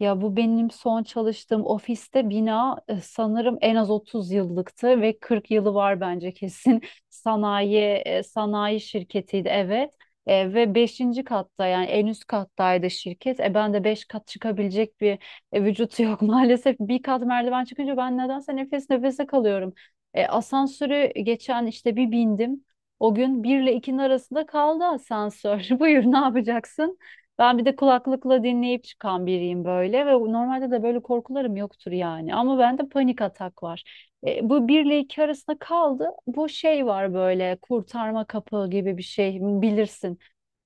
Ya, bu benim son çalıştığım ofiste bina, sanırım en az 30 yıllıktı ve 40 yılı var bence kesin. Sanayi sanayi şirketiydi, evet. Ve beşinci katta yani en üst kattaydı şirket. Ben de 5 kat çıkabilecek bir vücut yok maalesef. Bir kat merdiven çıkınca ben nedense nefes nefese kalıyorum. Asansörü geçen işte bir bindim. O gün bir ile ikinin arasında kaldı asansör. Buyur, ne yapacaksın? Ben bir de kulaklıkla dinleyip çıkan biriyim böyle ve normalde de böyle korkularım yoktur yani. Ama bende panik atak var. Bu bir ile iki arasında kaldı. Bu şey var böyle, kurtarma kapı gibi bir şey, bilirsin.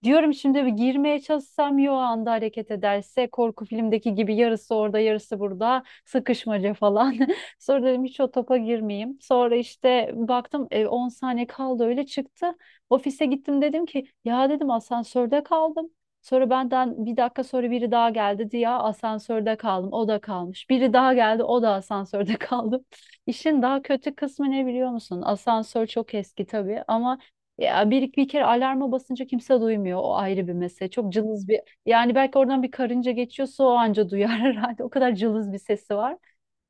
Diyorum şimdi bir girmeye çalışsam yo anda hareket ederse korku filmdeki gibi yarısı orada yarısı burada sıkışmaca falan. Sonra dedim hiç o topa girmeyeyim. Sonra işte baktım 10 saniye kaldı, öyle çıktı. Ofise gittim, dedim ki ya, dedim, asansörde kaldım. Sonra benden bir dakika sonra biri daha geldi diye asansörde kaldım. O da kalmış. Biri daha geldi, o da asansörde kaldım. İşin daha kötü kısmı ne biliyor musun? Asansör çok eski tabii, ama ya bir kere alarma basınca kimse duymuyor. O ayrı bir mesele. Çok cılız bir, yani belki oradan bir karınca geçiyorsa o anca duyar herhalde. O kadar cılız bir sesi var.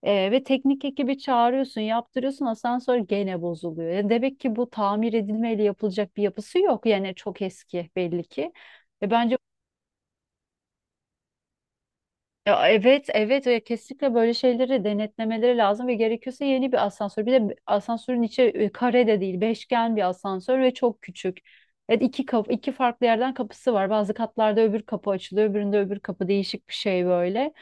Ve teknik ekibi çağırıyorsun, yaptırıyorsun, asansör gene bozuluyor. Ya, demek ki bu tamir edilmeyle yapılacak bir yapısı yok. Yani çok eski, belli ki. Bence. Ya, evet, evet, ya, kesinlikle böyle şeyleri denetlemeleri lazım ve gerekiyorsa yeni bir asansör. Bir de asansörün içi kare de değil, beşgen bir asansör ve çok küçük. Evet, iki kapı, iki farklı yerden kapısı var. Bazı katlarda öbür kapı açılıyor, öbüründe öbür kapı, değişik bir şey böyle.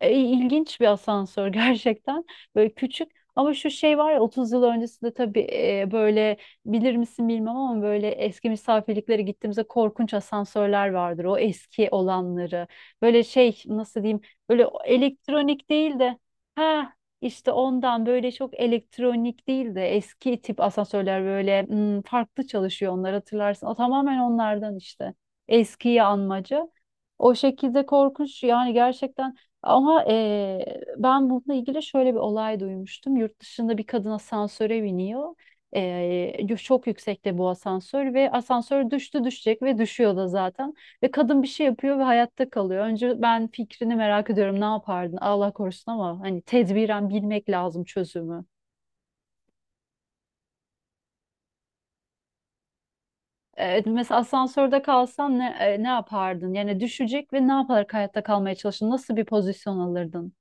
İlginç bir asansör gerçekten. Böyle küçük, ama şu şey var ya, 30 yıl öncesinde tabii böyle, bilir misin bilmem ama böyle eski misafirliklere gittiğimizde korkunç asansörler vardır. O eski olanları. Böyle şey, nasıl diyeyim, böyle o elektronik değil de, ha, işte ondan, böyle çok elektronik değil de eski tip asansörler böyle, farklı çalışıyor onlar, hatırlarsın. O tamamen onlardan işte. Eskiyi anmaca. O şekilde korkunç yani, gerçekten, ama ben bununla ilgili şöyle bir olay duymuştum. Yurt dışında bir kadın asansöre biniyor. Çok yüksekte bu asansör ve asansör düştü düşecek ve düşüyor da zaten. Ve kadın bir şey yapıyor ve hayatta kalıyor. Önce ben fikrini merak ediyorum, ne yapardın Allah korusun, ama hani tedbiren bilmek lazım çözümü. Mesela asansörde kalsan ne, ne yapardın? Yani düşecek ve ne yaparak hayatta kalmaya çalışırdın? Nasıl bir pozisyon alırdın?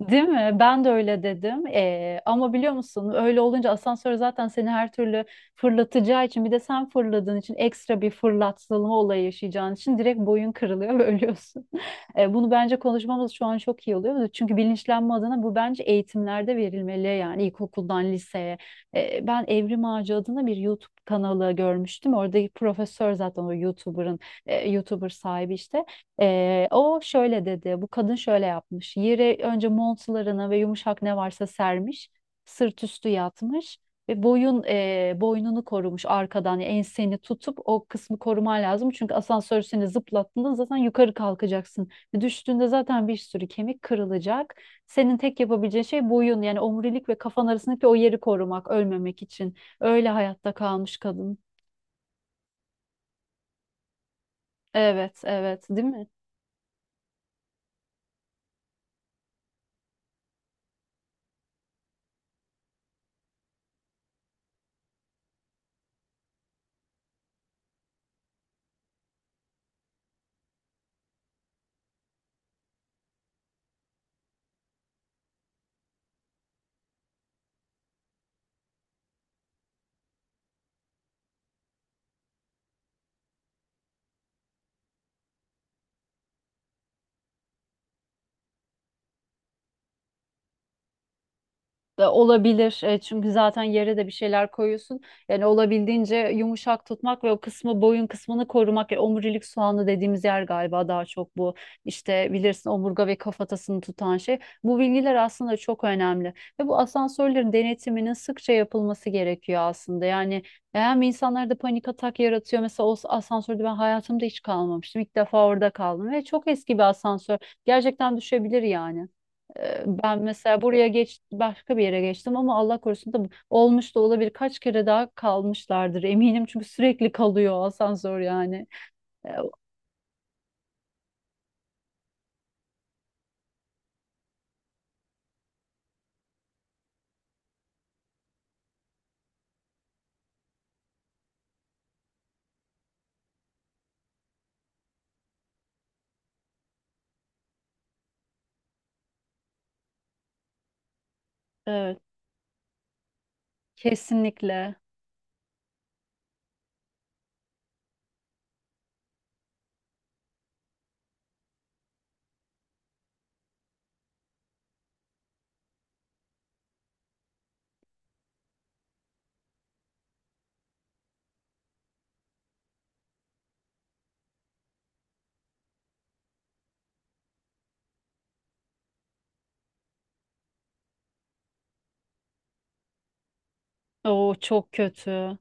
Değil mi? Ben de öyle dedim. Ama biliyor musun, öyle olunca asansör zaten seni her türlü fırlatacağı için, bir de sen fırladığın için ekstra bir fırlatılma olayı yaşayacağın için direkt boyun kırılıyor ve ölüyorsun. Bunu bence konuşmamız şu an çok iyi oluyor. Çünkü bilinçlenme adına bu bence eğitimlerde verilmeli, yani ilkokuldan liseye. Ben Evrim Ağacı adına bir YouTube kanalı görmüştüm. Oradaki profesör zaten o YouTuber sahibi işte. O şöyle dedi, bu kadın şöyle yapmış. Yere önce montlarını ve yumuşak ne varsa sermiş, sırt üstü yatmış ve boynunu korumuş arkadan, yani enseni tutup o kısmı koruman lazım. Çünkü asansör seni zıplattığında zaten yukarı kalkacaksın. Düştüğünde zaten bir sürü kemik kırılacak. Senin tek yapabileceğin şey boyun, yani omurilik ve kafan arasındaki o yeri korumak, ölmemek için. Öyle hayatta kalmış kadın. Evet, evet, değil mi? Da olabilir. Çünkü zaten yere de bir şeyler koyuyorsun. Yani olabildiğince yumuşak tutmak ve o kısmı boyun kısmını korumak. Yani omurilik soğanı dediğimiz yer galiba daha çok bu. İşte bilirsin, omurga ve kafatasını tutan şey. Bu bilgiler aslında çok önemli. Ve bu asansörlerin denetiminin sıkça yapılması gerekiyor aslında. Yani hem insanlarda panik atak yaratıyor. Mesela o asansörde ben hayatımda hiç kalmamıştım. İlk defa orada kaldım ve çok eski bir asansör. Gerçekten düşebilir yani. Ben mesela buraya geç başka bir yere geçtim ama Allah korusun da olmuş da olabilir. Kaç kere daha kalmışlardır eminim çünkü sürekli kalıyor asansör yani. Ee, Evet, kesinlikle. O çok kötü.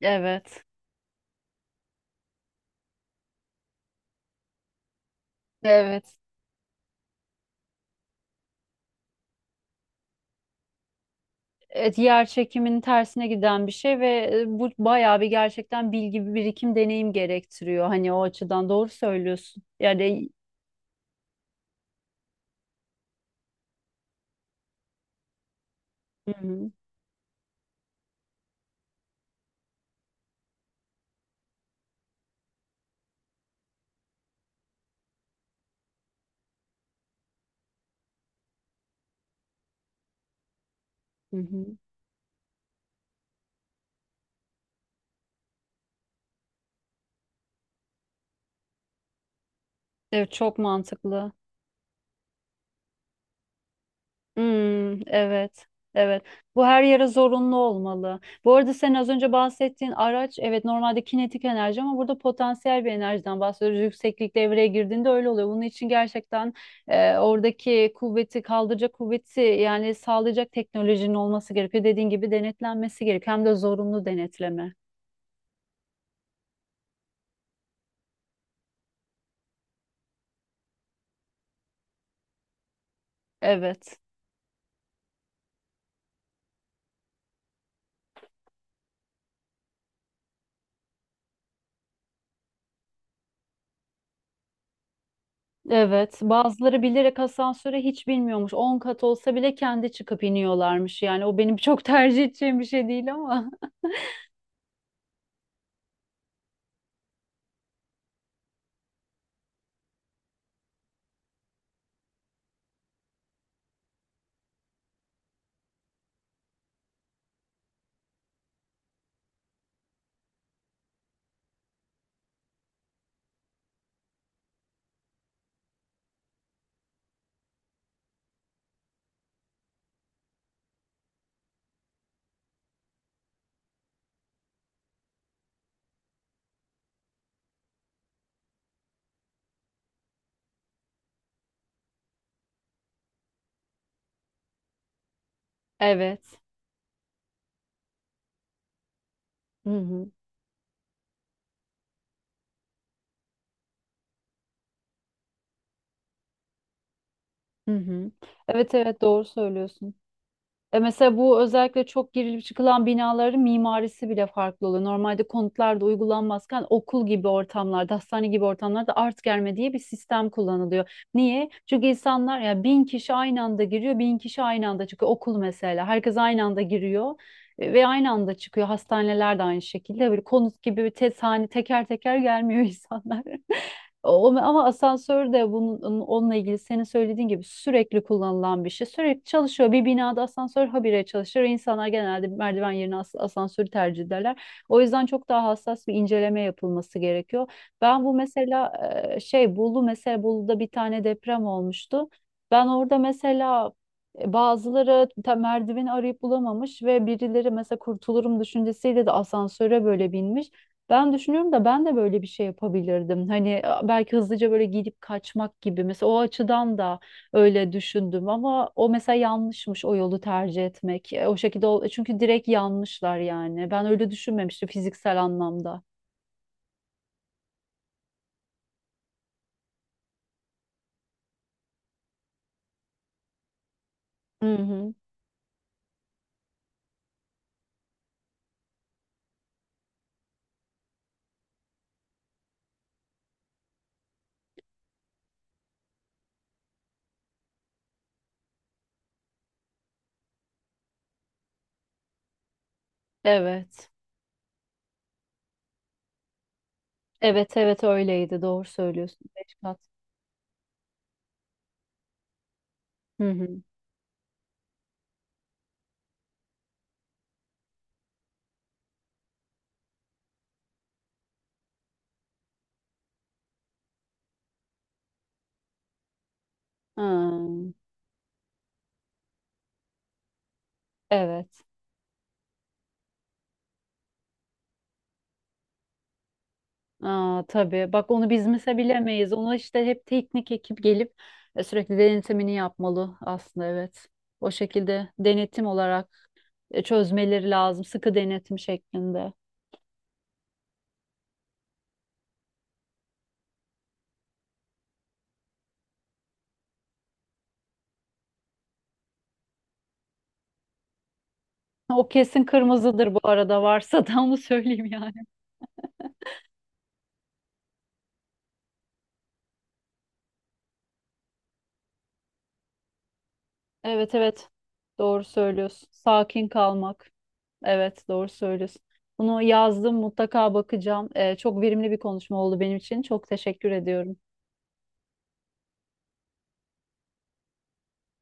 Evet. Evet. Evet, yer çekiminin tersine giden bir şey ve bu bayağı bir, gerçekten bilgi, bir birikim, deneyim gerektiriyor. Hani o açıdan doğru söylüyorsun. Yani. Hı hı. Hı hı. Evet, çok mantıklı. Hmm, evet. Evet. Bu her yere zorunlu olmalı. Bu arada sen az önce bahsettiğin araç, evet, normalde kinetik enerji, ama burada potansiyel bir enerjiden bahsediyoruz. Yükseklik devreye girdiğinde öyle oluyor. Bunun için gerçekten oradaki kuvveti kaldıracak kuvveti, yani sağlayacak teknolojinin olması gerekiyor. Dediğin gibi denetlenmesi gerekiyor. Hem de zorunlu denetleme. Evet. Evet, bazıları bilerek asansöre hiç bilmiyormuş. 10 kat olsa bile kendi çıkıp iniyorlarmış. Yani o benim çok tercih edeceğim bir şey değil ama. Evet. Hı hı. Hı hı. Evet, evet, doğru söylüyorsun. Mesela bu özellikle çok girilip çıkılan binaların mimarisi bile farklı oluyor. Normalde konutlarda uygulanmazken okul gibi ortamlarda, hastane gibi ortamlarda art germe diye bir sistem kullanılıyor. Niye? Çünkü insanlar ya 1000 kişi aynı anda giriyor, 1000 kişi aynı anda çıkıyor. Okul mesela herkes aynı anda giriyor ve aynı anda çıkıyor. Hastaneler de aynı şekilde, böyle konut gibi bir tes hani teker teker gelmiyor insanlar. O, ama asansör de bunun, onunla ilgili senin söylediğin gibi sürekli kullanılan bir şey. Sürekli çalışıyor. Bir binada asansör habire çalışır. İnsanlar genelde merdiven yerine asansörü tercih ederler. O yüzden çok daha hassas bir inceleme yapılması gerekiyor. Ben bu mesela Bolu'da bir tane deprem olmuştu. Ben orada mesela e, Bazıları merdiveni arayıp bulamamış ve birileri mesela kurtulurum düşüncesiyle de asansöre böyle binmiş. Ben düşünüyorum da ben de böyle bir şey yapabilirdim. Hani belki hızlıca böyle gidip kaçmak gibi. Mesela o açıdan da öyle düşündüm ama o mesela yanlışmış o yolu tercih etmek. O şekilde çünkü direkt yanlışlar yani. Ben öyle düşünmemiştim fiziksel anlamda. Hı hı. Evet. Evet, evet, öyleydi. Doğru söylüyorsun. 5 kat. Hı hı. Ha, evet. Aa, tabii. Bak, onu biz mesela bilemeyiz. Ona işte hep teknik ekip gelip sürekli denetimini yapmalı aslında, evet. O şekilde denetim olarak çözmeleri lazım. Sıkı denetim şeklinde. O kesin kırmızıdır bu arada, varsa da onu söyleyeyim yani. Evet, evet. Doğru söylüyorsun. Sakin kalmak. Evet, doğru söylüyorsun. Bunu yazdım, mutlaka bakacağım. Çok verimli bir konuşma oldu benim için. Çok teşekkür ediyorum.